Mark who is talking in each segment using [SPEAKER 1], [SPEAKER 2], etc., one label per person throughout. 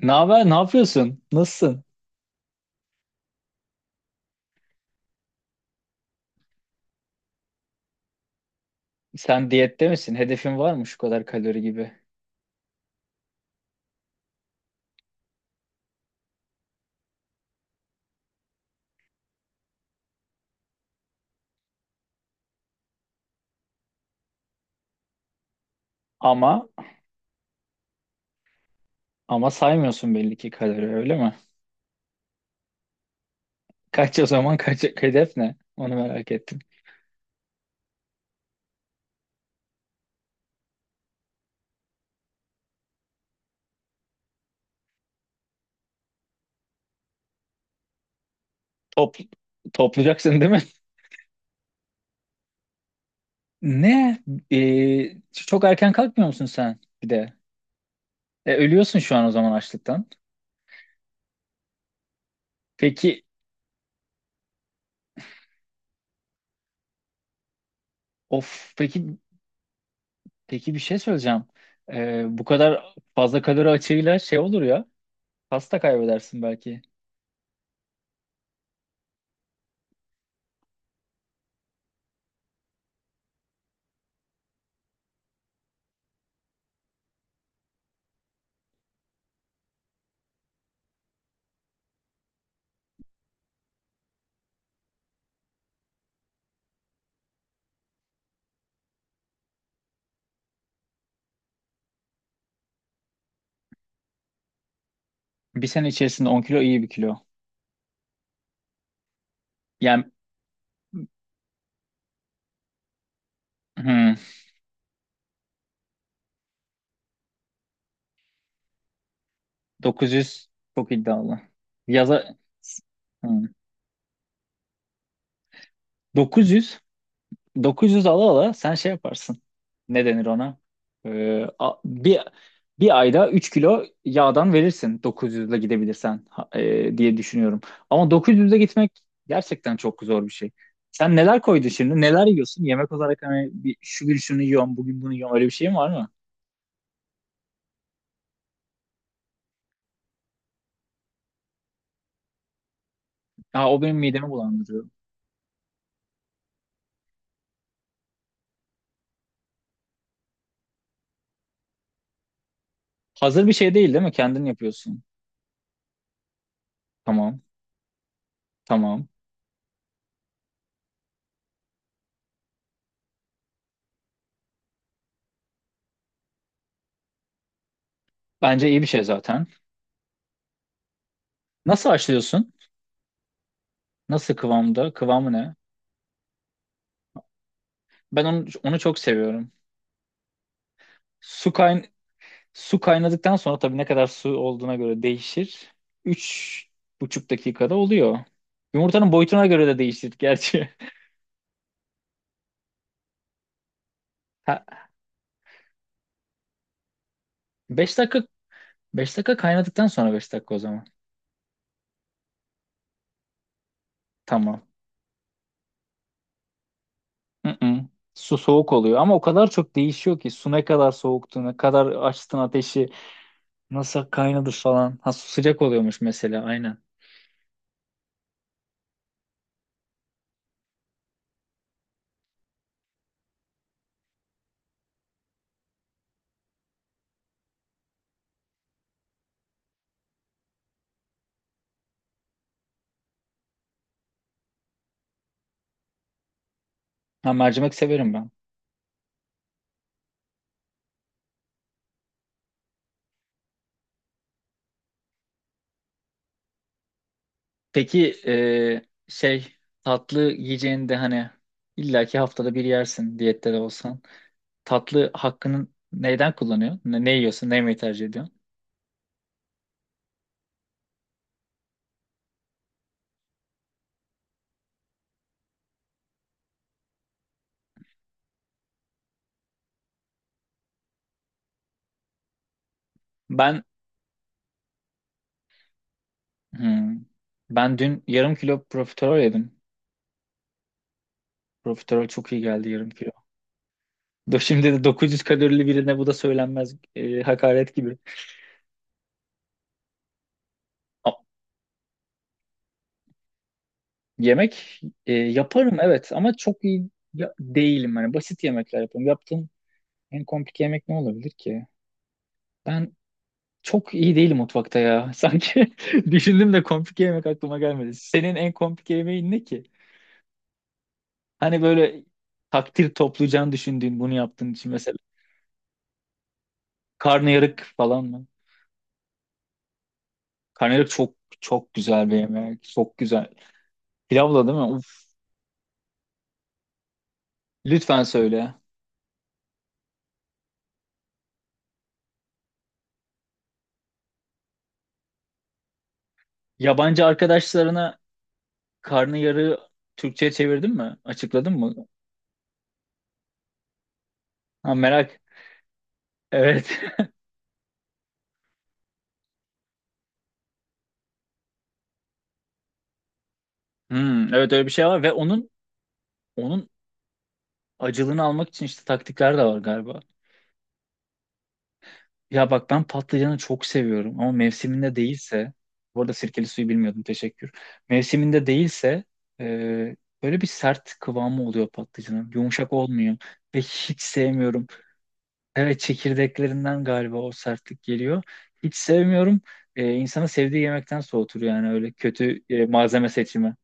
[SPEAKER 1] Ne haber? Ne yapıyorsun? Nasılsın? Sen diyette misin? Hedefin var mı şu kadar kalori gibi? Ama ama saymıyorsun belli ki kalori öyle mi? Kaç o zaman, hedef ne? Onu merak ettim. Top, Toplayacaksın değil mi? Ne? Çok erken kalkmıyor musun sen bir de? Ölüyorsun şu an o zaman açlıktan. Peki, of, peki bir şey söyleyeceğim. Bu kadar fazla kalori açığıyla şey olur ya. Pasta kaybedersin belki. Bir sene içerisinde 10 kilo iyi bir kilo. Yani, hmm. 900 çok iddialı. Yaza Hı. 900 900 ala ala sen şey yaparsın. Ne denir ona? Ee, a- bir bir ayda 3 kilo yağdan verirsin 900 ile gidebilirsen diye düşünüyorum. Ama 900 ile gitmek gerçekten çok zor bir şey. Sen neler koydun şimdi? Neler yiyorsun? Yemek olarak hani bir, şu gün şunu yiyorum, bugün bunu yiyorum. Öyle bir şeyin var mı? Ha, o benim midemi bulandırıyor. Hazır bir şey değil, değil mi? Kendin yapıyorsun. Tamam, tamam. Bence iyi bir şey zaten. Nasıl haşlıyorsun? Nasıl kıvamda? Kıvamı ne? Ben onu çok seviyorum. Su kayn Su kaynadıktan sonra tabii ne kadar su olduğuna göre değişir. 3,5 dakikada oluyor. Yumurtanın boyutuna göre de değişir gerçi. Ha, beş dakika beş dakika kaynadıktan sonra 5 dakika o zaman. Tamam. Mm-mm. Su soğuk oluyor ama o kadar çok değişiyor ki su ne kadar soğuktu, ne kadar açtın ateşi, nasıl kaynadı falan. Ha, su sıcak oluyormuş mesela, aynen. Ha, mercimek severim ben. Peki, şey, tatlı yiyeceğini de hani illaki haftada bir yersin diyette de olsan. Tatlı hakkını neyden kullanıyorsun? Ne yiyorsun? Ne yemeyi tercih ediyorsun? Ben hmm, ben dün yarım kilo profiterol yedim. Profiterol çok iyi geldi yarım kilo. Şimdi de 900 kalorili birine bu da söylenmez, hakaret gibi. A- Yemek yaparım evet ama çok iyi değilim. Hani basit yemekler yapıyorum. Yaptığım en komplike yemek ne olabilir ki? Ben Çok iyi değil mutfakta ya. Sanki düşündüm de komplike yemek aklıma gelmedi. Senin en komplike yemeğin ne ki? Hani böyle takdir toplayacağını düşündüğün bunu yaptığın için mesela karnıyarık falan mı? Karnıyarık çok çok güzel bir yemek. Çok güzel. Pilavla değil mi? Uf, lütfen söyle. Yabancı arkadaşlarına karnıyarığı Türkçe'ye çevirdin mi? Açıkladın mı? Ha, merak. Evet. Hmm, evet öyle bir şey var ve onun acılığını almak için işte taktikler de var galiba. Ya bak, ben patlıcanı çok seviyorum ama mevsiminde değilse, bu arada sirkeli suyu bilmiyordum, teşekkür. Mevsiminde değilse e, böyle bir sert kıvamı oluyor patlıcanın. Yumuşak olmuyor ve hiç sevmiyorum. Evet, çekirdeklerinden galiba o sertlik geliyor. Hiç sevmiyorum. İnsanı sevdiği yemekten soğutur yani, öyle kötü malzeme seçimi.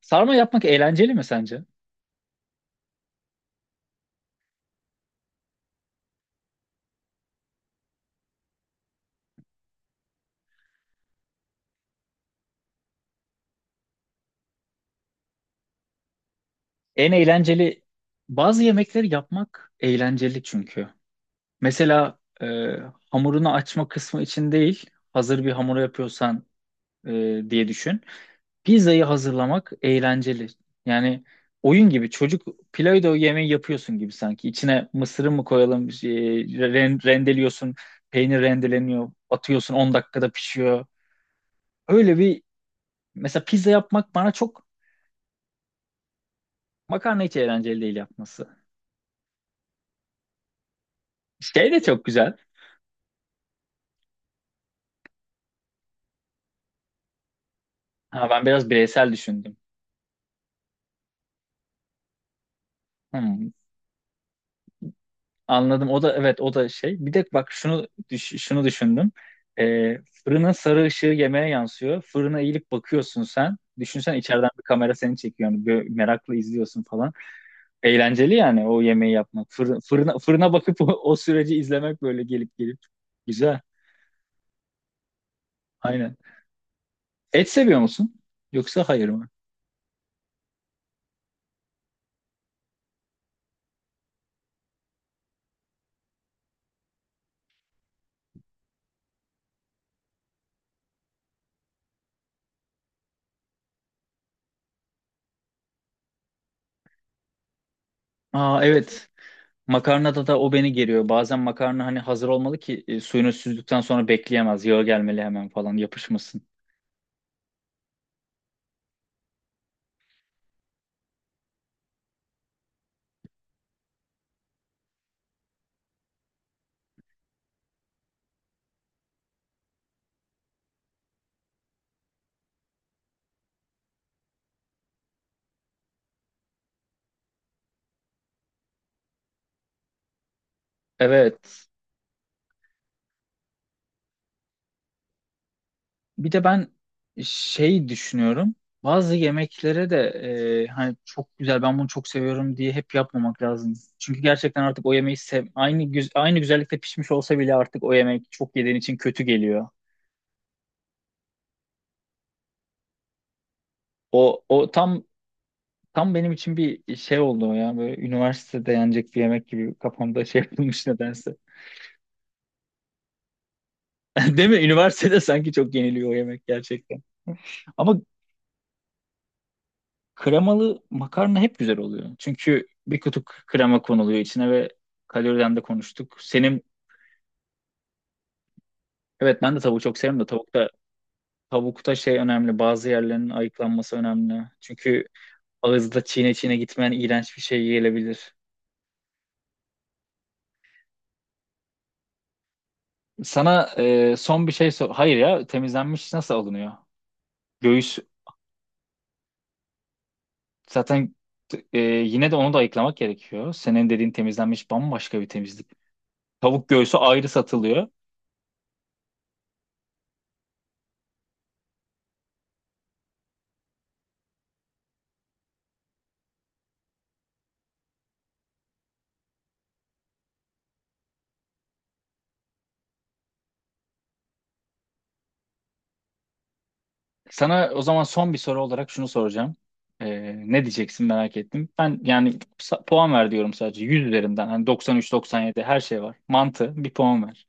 [SPEAKER 1] Sarma yapmak eğlenceli mi sence? En eğlenceli Bazı yemekleri yapmak eğlenceli çünkü. Mesela, hamurunu açma kısmı için değil, hazır bir hamur yapıyorsan diye düşün. Pizzayı hazırlamak eğlenceli. Yani oyun gibi, çocuk Play-Doh yemeği yapıyorsun gibi sanki. İçine mısırı mı koyalım, şey, rendeliyorsun, peynir rendeleniyor, atıyorsun. 10 dakikada pişiyor. Öyle bir, mesela pizza yapmak bana çok, makarna hiç eğlenceli değil yapması. Şey de çok güzel. Ha, ben biraz bireysel düşündüm. Hmm. Anladım. O da evet, o da şey. Bir de bak, şunu düşündüm. Ee, Fırının sarı ışığı yemeğe yansıyor. Fırına eğilip bakıyorsun sen. Düşünsen içeriden bir kamera seni çekiyor. Yani böyle merakla izliyorsun falan. Eğlenceli yani o yemeği yapmak. Fırına bakıp o süreci izlemek böyle gelip gelip. Güzel. Aynen. Et seviyor musun? Yoksa hayır mı? Aa, evet. Makarnada da o beni geriyor. Bazen makarna hani hazır olmalı ki, suyunu süzdükten sonra bekleyemez. Yağı gelmeli hemen falan yapışmasın. Evet. Bir de ben şey düşünüyorum. Bazı yemeklere de hani çok güzel ben bunu çok seviyorum diye hep yapmamak lazım. Çünkü gerçekten artık o yemeği aynı güzellikte pişmiş olsa bile artık o yemek çok yediğin için kötü geliyor. O tam benim için bir şey oldu o ya, böyle üniversitede yenecek bir yemek gibi kafamda şey yapılmış nedense. Değil mi? Üniversitede sanki çok yeniliyor o yemek gerçekten. Ama kremalı makarna hep güzel oluyor. Çünkü bir kutu krema konuluyor içine ve kaloriden de konuştuk. Evet ben de tavuğu çok severim de, tavukta şey önemli. Bazı yerlerin ayıklanması önemli. Çünkü ağızda çiğne çiğne gitmeyen iğrenç bir şey gelebilir. Sana, son bir şey sor. Hayır ya, temizlenmiş nasıl alınıyor? Göğüs zaten, yine de onu da ayıklamak gerekiyor. Senin dediğin temizlenmiş bambaşka bir temizlik. Tavuk göğsü ayrı satılıyor. Sana o zaman son bir soru olarak şunu soracağım. Ne diyeceksin merak ettim. Ben yani puan ver diyorum sadece 100 üzerinden. Hani 93-97 her şey var. Mantı bir puan ver.